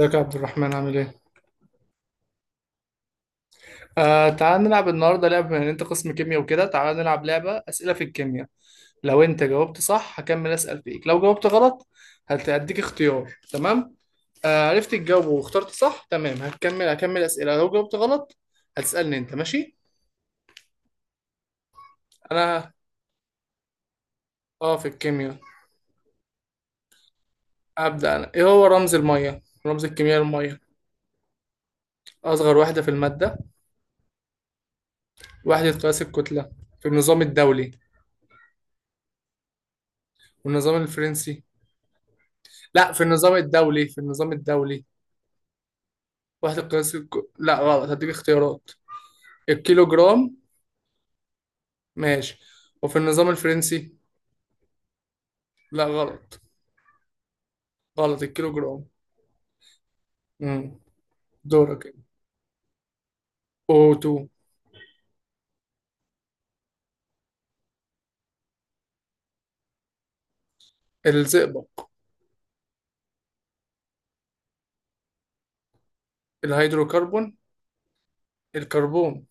ازيك يا عبد الرحمن، عامل ايه؟ آه، تعال نلعب النهارده لعبة. بما ان انت قسم كيمياء وكده، تعال نلعب لعبة اسئلة في الكيمياء. لو انت جاوبت صح هكمل اسأل فيك، لو جاوبت غلط هديك اختيار، تمام؟ آه عرفت تجاوبه واخترت صح، تمام هكمل اسئلة، لو جاوبت غلط هتسألني انت، ماشي؟ انا. اه، في الكيمياء. ابدأ انا. ايه هو رمز المية؟ رمز الكيمياء المية. اصغر وحدة في المادة. وحدة قياس الكتلة في النظام الدولي. والنظام الفرنسي. لا، في النظام الدولي. وحدة قياس لا غلط، هديك اختيارات. الكيلو جرام. ماشي. وفي النظام الفرنسي. لا غلط. غلط الكيلو جرام. امم دورك انت. O2. الزئبق. الهيدروكربون. الكربون.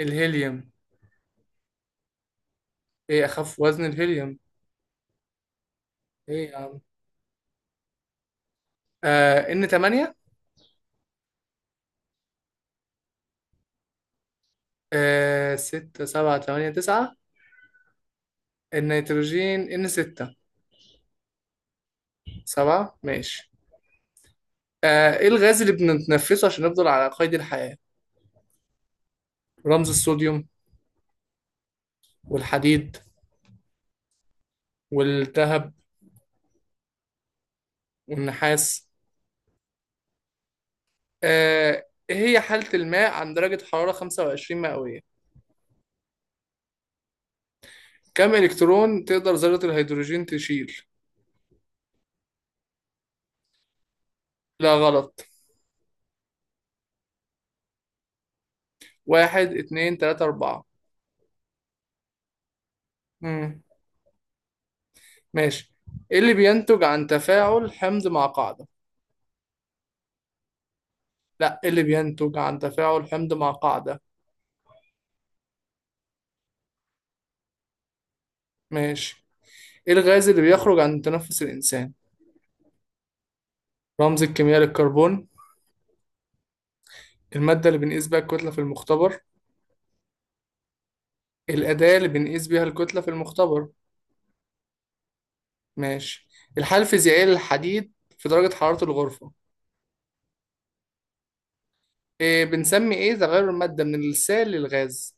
الهيليوم. ايه اخف وزن؟ الهيليوم. ايه يا عم؟ آه ان 8. آه، 6 7 8 9. النيتروجين ان 6. 7 ماشي. آه، ايه الغاز اللي بنتنفسه عشان نفضل على قيد الحياة؟ رمز الصوديوم. والحديد. والذهب. والنحاس. آه، إيه هي حالة الماء عند درجة حرارة 25 مئوية؟ كم إلكترون تقدر ذرة الهيدروجين تشيل؟ لا غلط. واحد، اتنين، تلاتة، أربعة. مم، ماشي. إيه اللي بينتج عن تفاعل حمض مع قاعدة؟ لا، إيه اللي بينتج عن تفاعل حمض مع قاعدة؟ ماشي. إيه الغاز اللي بيخرج عن تنفس الإنسان؟ رمز الكيمياء للكربون. المادة اللي بنقيس بيها الكتلة في المختبر. الأداة اللي بنقيس بيها الكتلة في المختبر. ماشي. الحالة الفيزيائية للحديد في درجة حرارة الغرفة. إيه بنسمي إيه تغير المادة من السائل للغاز؟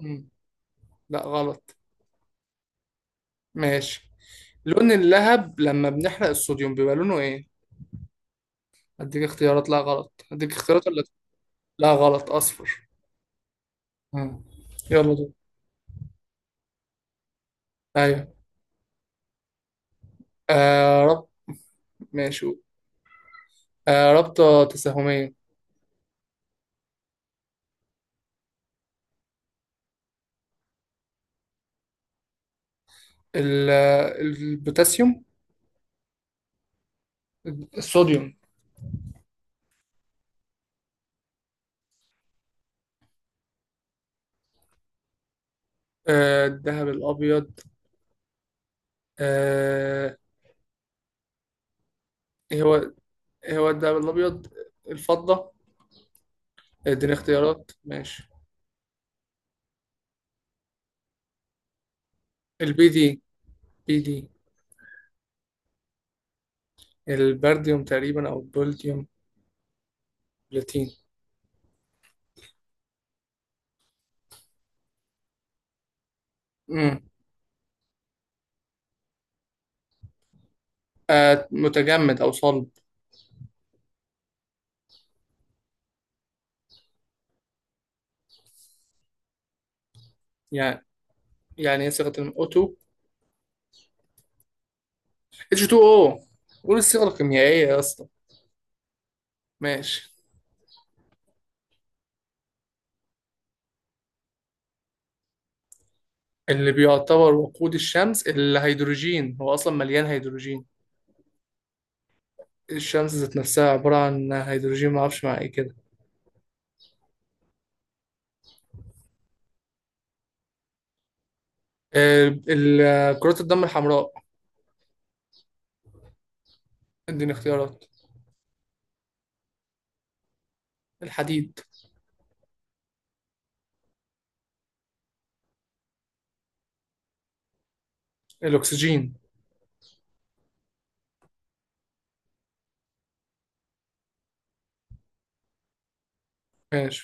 مم. لا غلط. ماشي. لون اللهب لما بنحرق الصوديوم بيبقى لونه إيه؟ أديك اختيارات. لا غلط، أديك اختيارات ولا. لا غلط، أصفر. مم. يلا دول. أيوه. آه رب. ماشي. آه رابطة تساهمية. ال- البوتاسيوم. الصوديوم. آه الذهب الأبيض. آه إيه هو؟ إيه هو الدهب الابيض؟ الفضه. اديني اختيارات. ماشي. البي دي. بي دي. البرديوم تقريبا، او البولديوم. بلاتين. امم. آه متجمد او صلب. يعني يعني ايه صيغه O2. H2O. قول الصيغه الكيميائيه يا اسطى. ماشي. اللي بيعتبر وقود الشمس الهيدروجين، هو اصلا مليان هيدروجين. الشمس ذات نفسها عباره عن هيدروجين، ما اعرفش مع ايه كده. آه كرات الدم الحمراء. اديني اختيارات. الحديد. الاكسجين. ماشي.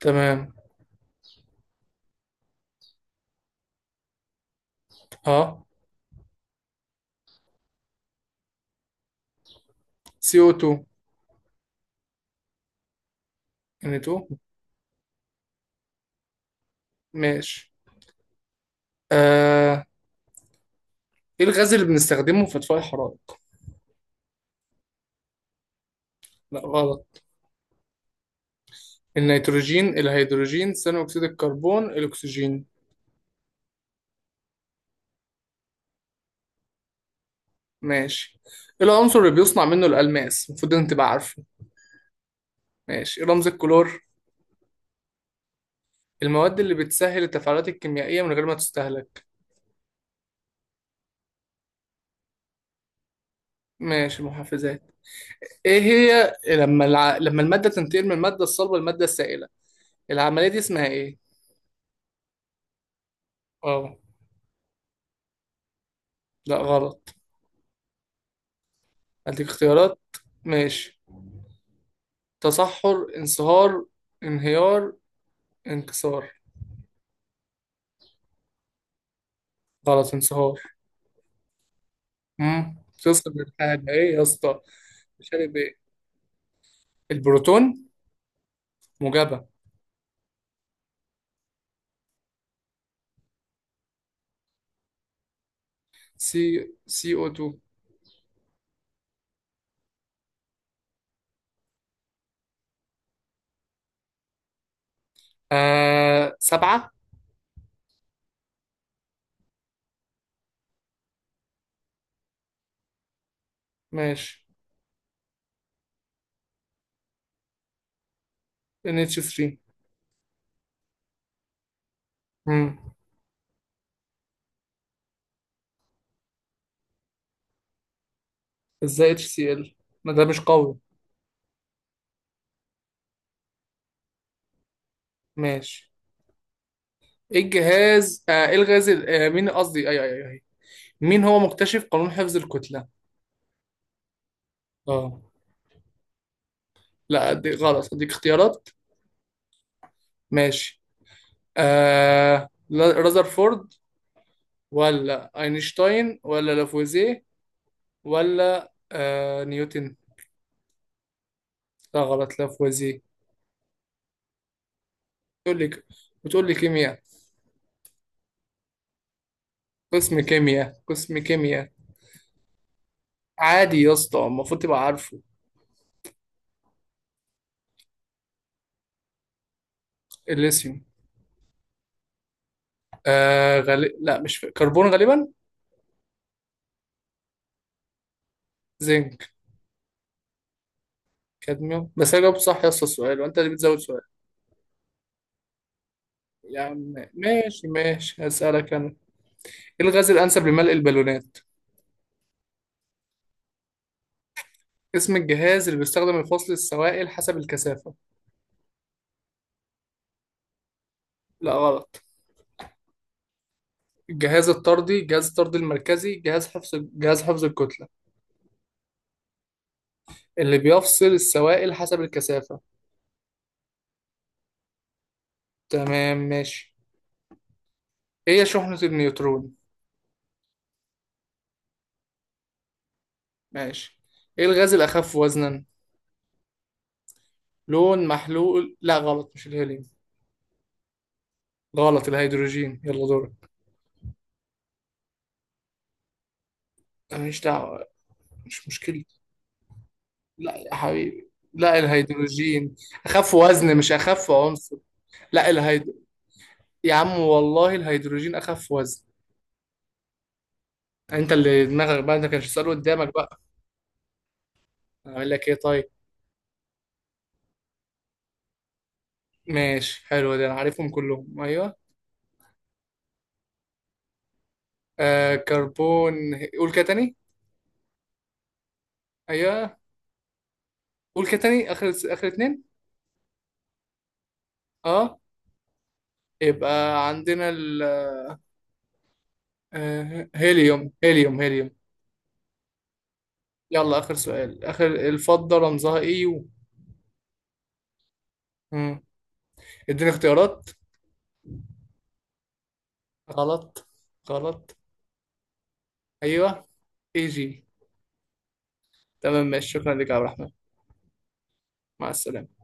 تمام. اه CO2. N2. ماشي. آه. ايه الغاز اللي بنستخدمه في اطفاء الحرائق؟ لا غلط. النيتروجين، الهيدروجين، ثاني اكسيد الكربون، الاكسجين. ماشي. ايه العنصر اللي بيصنع منه الالماس؟ المفروض انت تبقى عارفه. ماشي. إيه رمز الكلور؟ المواد اللي بتسهل التفاعلات الكيميائية من غير ما تستهلك. ماشي، المحفزات. ايه هي لما لما المادة تنتقل من المادة الصلبة للمادة السائلة، العملية دي اسمها ايه؟ اه. لا غلط، اديك اختيارات. ماشي. تصحر، انصهار، انهيار، انكسار. غلط، انصهار. امم. توصل للحاجة ايه يا اسطى؟ مش عارف ايه البروتون. موجبة. سي. سي او 2. آه سبعة. ماشي. ان اتش 3. امم. ازاي اتش سي ال، ما ده مش قوي. ماشي. ايه الجهاز، آه ايه الغاز آه مين قصدي، اي اي اي مين هو مكتشف قانون حفظ الكتلة؟ اه. لا دي غلط، اديك اختيارات. ماشي. آه رذرفورد، ولا اينشتاين، ولا لافوازيه، ولا آه نيوتن. لا غلط، لافوازيه. تقول لي. بتقول لي كيمياء، قسم كيمياء قسم كيمياء. عادي يا اسطى، المفروض تبقى عارفه. الليثيوم. آه لا مش فاكر. كربون غالبا. زنك. كادميوم، بس انا جاوبت صح يا اسطى السؤال وانت اللي بتزود سؤال. يا عم ماشي ماشي، هسألك انا. ايه الغاز الانسب لملء البالونات؟ اسم الجهاز اللي بيستخدم لفصل السوائل حسب الكثافة. لا غلط. الجهاز الطردي، جهاز الطرد المركزي، جهاز حفظ، جهاز حفظ الكتلة. اللي بيفصل السوائل حسب الكثافة. تمام ماشي. ايه هي شحنة النيوترون؟ ماشي. ايه الغاز الأخف وزنا؟ لون محلول، لا غلط مش الهيليوم. غلط، الهيدروجين. يلا دورك. أنا مش دعوة. مش مشكلة. لا يا حبيبي لا، الهيدروجين. أخف وزن مش أخف عنصر. لا الهيد يا عم والله الهيدروجين أخف وزن. انت اللي دماغك بقى، انت كانش سؤال قدامك بقى. اقول لك ايه طيب. ماشي حلو، ده انا عارفهم كلهم. ايوه. آه كربون. قول كده تاني. ايوه. قول كده تاني، اخر اخر اتنين. اه. يبقى عندنا ال. آه هيليوم هيليوم هيليوم. يلا اخر سؤال، اخر الفضة رمزها ايه؟ يو. مم. اديني اختيارات. غلط. غلط. ايوه. اي جي. تمام ماشي، شكرا لك يا عبد الرحمن. مع السلامة.